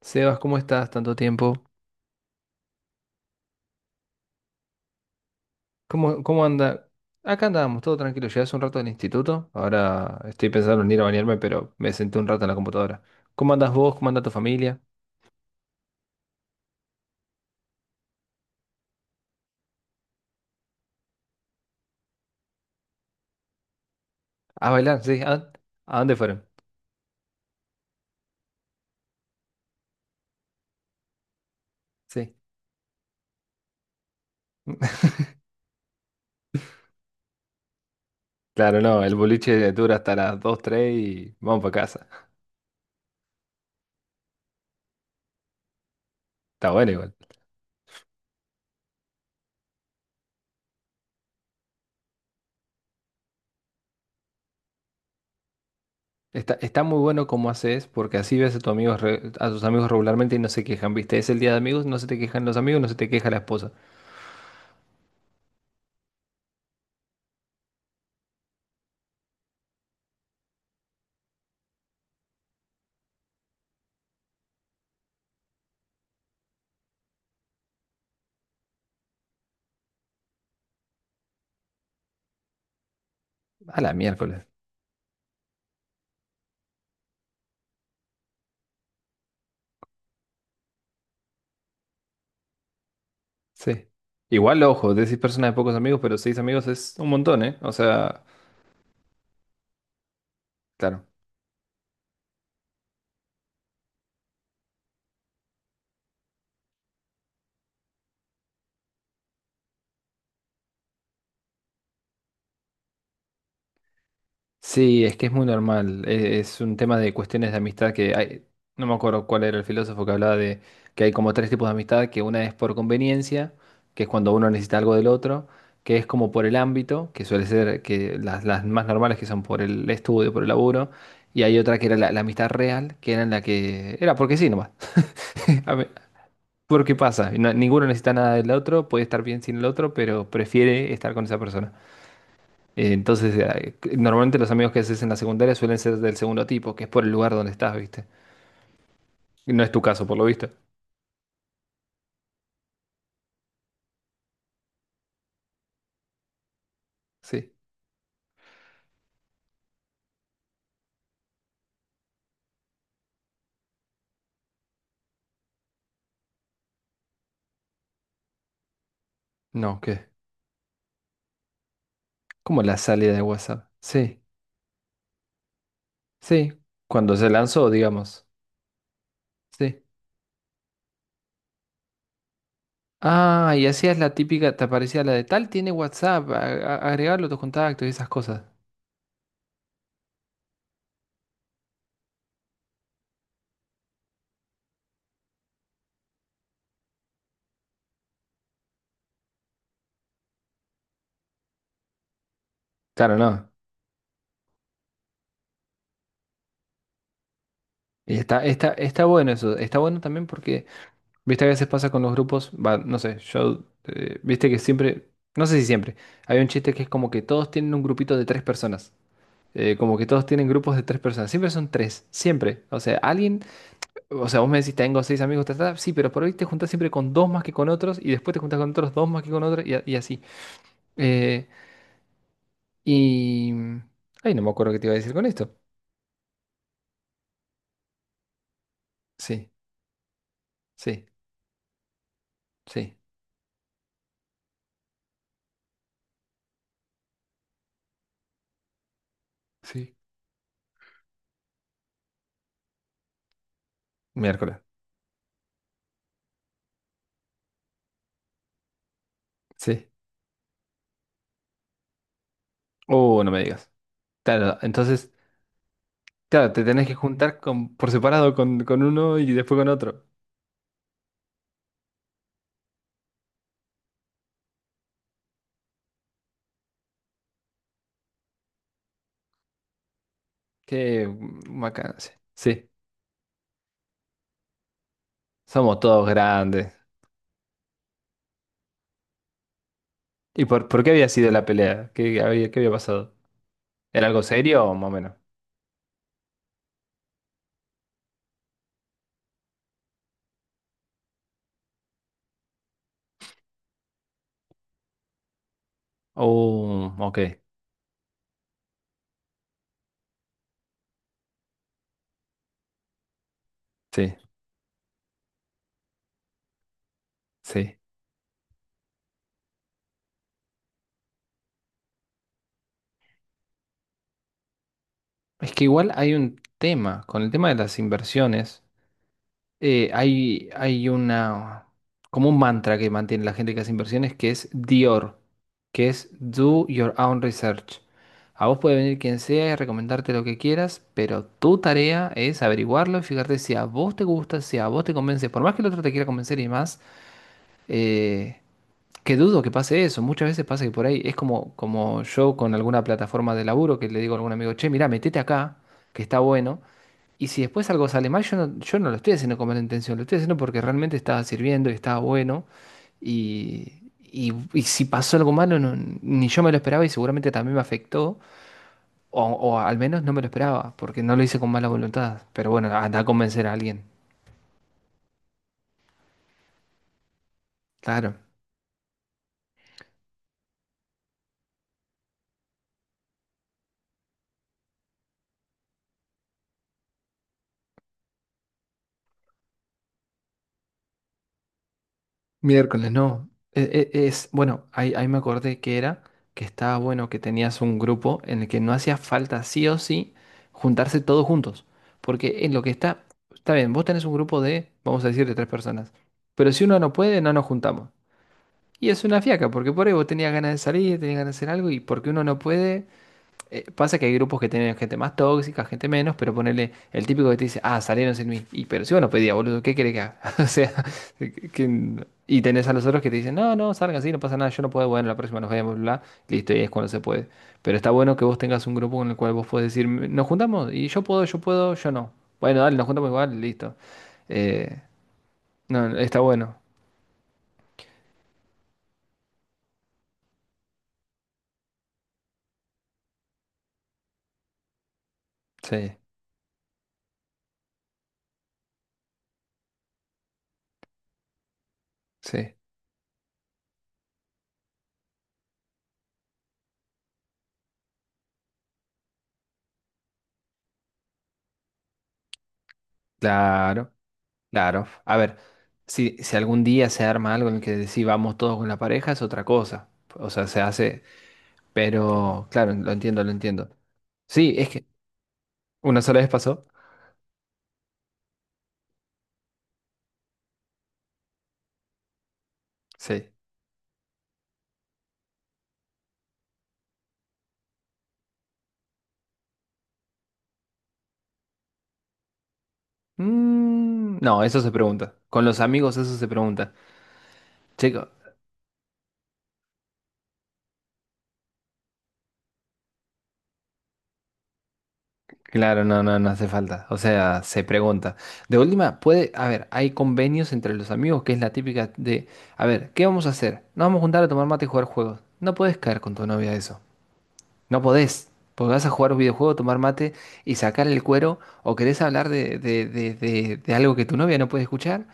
Sebas, ¿cómo estás? Tanto tiempo. ¿Cómo anda? Acá andábamos, todo tranquilo. Llegué hace un rato del instituto. Ahora estoy pensando en ir a bañarme, pero me senté un rato en la computadora. ¿Cómo andas vos? ¿Cómo anda tu familia? A bailar, sí. ¿A dónde fueron? Sí. Claro, no, el boliche dura hasta las 2, 3, y vamos para casa. Está bueno igual. Está, está muy bueno como haces, porque así ves a tus amigos, a tus amigos regularmente y no se quejan, ¿viste? Es el día de amigos, no se te quejan los amigos, no se te queja la esposa. A la miércoles. Sí. Igual, ojo, decís personas de pocos amigos, pero seis amigos es un montón, ¿eh? O sea, claro. Sí, es que es muy normal. Es un tema de cuestiones de amistad que hay. No me acuerdo cuál era el filósofo que hablaba de que hay como tres tipos de amistad, que una es por conveniencia, que es cuando uno necesita algo del otro, que es como por el ámbito, que suele ser que las más normales que son por el estudio, por el laburo, y hay otra que era la amistad real, que era en la que era porque sí nomás. Porque pasa, ninguno necesita nada del otro, puede estar bien sin el otro, pero prefiere estar con esa persona. Entonces, normalmente los amigos que haces en la secundaria suelen ser del segundo tipo, que es por el lugar donde estás, ¿viste? Y no es tu caso, por lo visto. Sí. No, ¿qué? ¿Cómo la salida de WhatsApp? Sí, sí. Cuando se lanzó, digamos. Sí. Ah, y hacías la típica, te aparecía la de tal tiene WhatsApp, agregarlo a tus contactos y esas cosas. Claro, no. Y está, está, está bueno eso. Está bueno también porque viste, a veces pasa con los grupos, va, no sé, yo, viste que siempre, no sé si siempre, hay un chiste que es como que todos tienen un grupito de tres personas, como que todos tienen grupos de tres personas, siempre son tres, siempre, o sea, alguien, o sea, vos me decís, tengo seis amigos, ta, ta, ta", sí, pero por ahí te juntas siempre con dos más que con otros, y después te juntas con otros dos más que con otros, y, y así. Eh, y... Ay, no me acuerdo qué te iba a decir con esto. Sí, sí, sí, sí, miércoles, sí. Oh, no me digas. Claro, entonces... Claro, te tenés que juntar con, por separado con uno y después con otro. Qué vacancia. Sí, sí, somos todos grandes. ¿Y por qué había sido la pelea? Qué había pasado? ¿Era algo serio o más o menos? Oh, ok. Sí, sí. Es que igual hay un tema con el tema de las inversiones. Hay, una, como un mantra que mantiene la gente que hace inversiones, que es Dior, que es Do Your Own Research. A vos puede venir quien sea y recomendarte lo que quieras, pero tu tarea es averiguarlo y fijarte si a vos te gusta, si a vos te convence, por más que el otro te quiera convencer y más, eh, que dudo que pase eso. Muchas veces pasa que por ahí es como, como yo con alguna plataforma de laburo que le digo a algún amigo, che, mirá, metete acá, que está bueno. Y si después algo sale mal, yo no lo estoy haciendo con mala intención, lo estoy haciendo porque realmente estaba sirviendo y estaba bueno. Y, y si pasó algo malo, ni yo me lo esperaba y seguramente también me afectó, o al menos no me lo esperaba, porque no lo hice con mala voluntad. Pero bueno, anda a convencer a alguien. Claro. Miércoles, no. Es, bueno, ahí me acordé que era, que estaba bueno que tenías un grupo en el que no hacía falta sí o sí juntarse todos juntos. Porque en lo que está, está bien, vos tenés un grupo de, vamos a decir, de tres personas. Pero si uno no puede, no nos juntamos. Y es una fiaca, porque por ahí vos tenías ganas de salir, tenías ganas de hacer algo, y porque uno no puede, pasa que hay grupos que tienen gente más tóxica, gente menos, pero ponerle el típico que te dice, ah, salieron sin mí. Y pero si vos no pedías, boludo, ¿qué querés que haga? O sea, y tenés a los otros que te dicen, no, no, salgan así, no pasa nada, yo no puedo, bueno, la próxima nos vemos, bla, bla. Listo, y es cuando se puede. Pero está bueno que vos tengas un grupo con el cual vos podés decir, nos juntamos, y yo puedo, yo puedo, yo no. Bueno, dale, nos juntamos igual, listo. Eh, no, está bueno. Sí, sí, claro. Claro, a ver, si algún día se arma algo en el que decís vamos todos con la pareja es otra cosa, o sea, se hace, pero claro, lo entiendo, lo entiendo. Sí, es que una sola vez pasó, sí. Mm, no, eso se pregunta, con los amigos eso se pregunta. Chico, claro, no, no, no hace falta, o sea, se pregunta. De última, puede, a ver, hay convenios entre los amigos que es la típica de, a ver, ¿qué vamos a hacer? Nos vamos a juntar a tomar mate y jugar juegos. No puedes caer con tu novia a eso. No podés, porque vas a jugar un videojuego, tomar mate y sacar el cuero, o querés hablar de, de algo que tu novia no puede escuchar,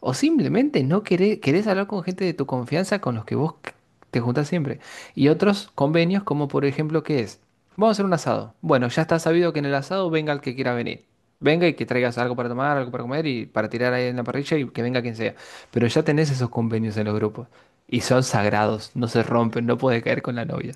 o simplemente no querés, querés hablar con gente de tu confianza con los que te juntás siempre. Y otros convenios, como por ejemplo, ¿qué es? Vamos a hacer un asado. Bueno, ya está sabido que en el asado venga el que quiera venir. Venga y que traigas algo para tomar, algo para comer y para tirar ahí en la parrilla y que venga quien sea. Pero ya tenés esos convenios en los grupos. Y son sagrados, no se rompen, no puede caer con la novia.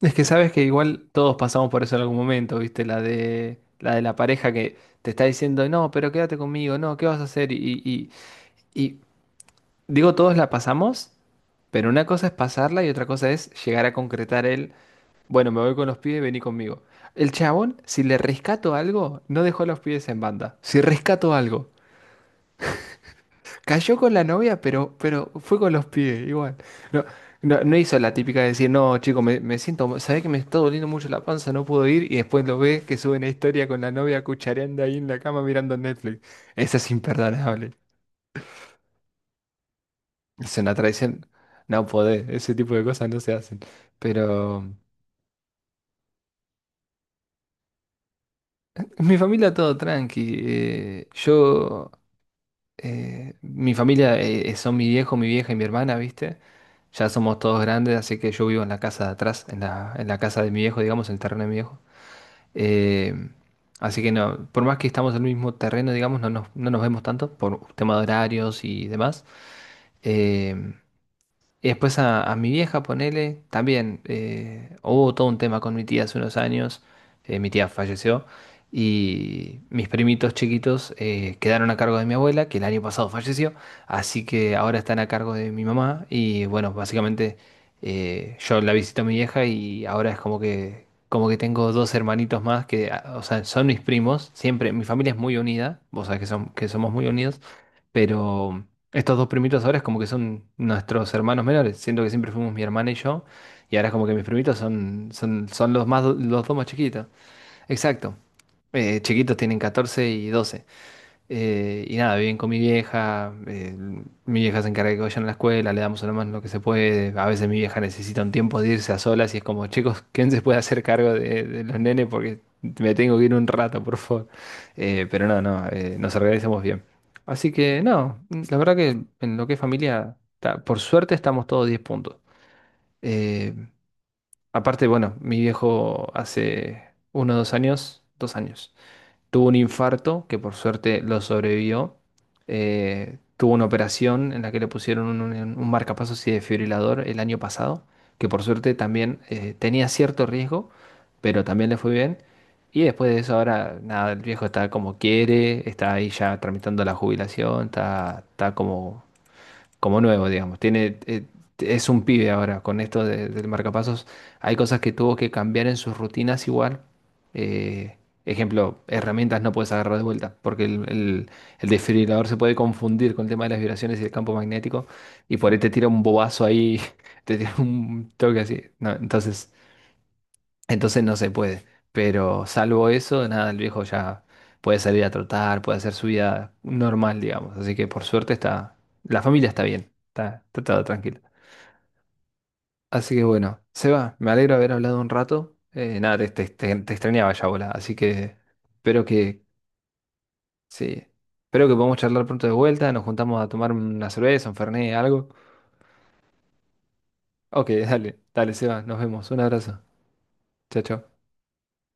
Es que sabes que igual todos pasamos por eso en algún momento, ¿viste? La de la pareja que te está diciendo, no, pero quédate conmigo, no, ¿qué vas a hacer? Y digo, todos la pasamos, pero una cosa es pasarla y otra cosa es llegar a concretar el, bueno, me voy con los pibes, vení conmigo. El chabón, si le rescato algo, no dejó a los pibes en banda. Si rescato algo, cayó con la novia, pero fue con los pies, igual. No, no, no hizo la típica de decir, no, chico, me siento, sabés que me está doliendo mucho la panza, no puedo ir, y después lo ves que sube una historia con la novia cuchareando ahí en la cama mirando Netflix. Esa es imperdonable. Es una traición. No podés, ese tipo de cosas no se hacen. Pero en mi familia todo tranqui. Yo Mi familia son mi viejo, mi vieja y mi hermana, ¿viste? Ya somos todos grandes, así que yo vivo en la casa de atrás, en la casa de mi viejo, digamos, en el terreno de mi viejo. Eh, Así que no, por más que estamos en el mismo terreno, digamos, no nos vemos tanto por tema de horarios y demás. Eh, y después a mi vieja, ponele, también hubo todo un tema con mi tía hace unos años, mi tía falleció, y mis primitos chiquitos quedaron a cargo de mi abuela, que el año pasado falleció, así que ahora están a cargo de mi mamá, y bueno, básicamente yo la visito a mi vieja y ahora es como que tengo dos hermanitos más que, ah, o sea, son mis primos, siempre, mi familia es muy unida, vos sabés que, son, que somos muy unidos. Pero estos dos primitos ahora es como que son nuestros hermanos menores. Siento que siempre fuimos mi hermana y yo. Y ahora es como que mis primitos son, son los más, los dos más chiquitos. Exacto. Chiquitos tienen 14 y 12 y nada, viven con mi vieja se encarga de que vayan a la escuela, le damos a lo más lo que se puede. A veces mi vieja necesita un tiempo de irse a solas y es como, chicos, ¿quién se puede hacer cargo de los nenes? Porque me tengo que ir un rato, por favor. Pero no, no, nos organizamos bien. Así que no, la verdad que en lo que es familia, por suerte estamos todos 10 puntos. Eh, Aparte, bueno, mi viejo hace 1 o 2 años, 2 años tuvo un infarto, que por suerte lo sobrevivió. Tuvo una operación en la que le pusieron un, un marcapasos y desfibrilador el año pasado, que por suerte también tenía cierto riesgo, pero también le fue bien. Y después de eso ahora, nada, el viejo está como quiere, está ahí ya tramitando la jubilación, está, está como nuevo, digamos. Tiene, es un pibe ahora con del marcapasos. Hay cosas que tuvo que cambiar en sus rutinas igual. Eh, Ejemplo, herramientas no puedes agarrar de vuelta porque el, el desfibrilador se puede confundir con el tema de las vibraciones y el campo magnético y por ahí te tira un bobazo ahí, te tira un toque así. No, entonces... Entonces no se puede. Pero salvo eso, nada, el viejo ya puede salir a trotar, puede hacer su vida normal, digamos. Así que por suerte está, la familia está bien, está, está todo tranquilo. Así que bueno, Seba, me alegro de haber hablado un rato. Nada, te extrañaba ya, bola. Así que espero que, sí, espero que podamos charlar pronto de vuelta. Nos juntamos a tomar una cerveza, un fernet, algo. Ok, dale, dale, Seba, nos vemos. Un abrazo. Chao, chao.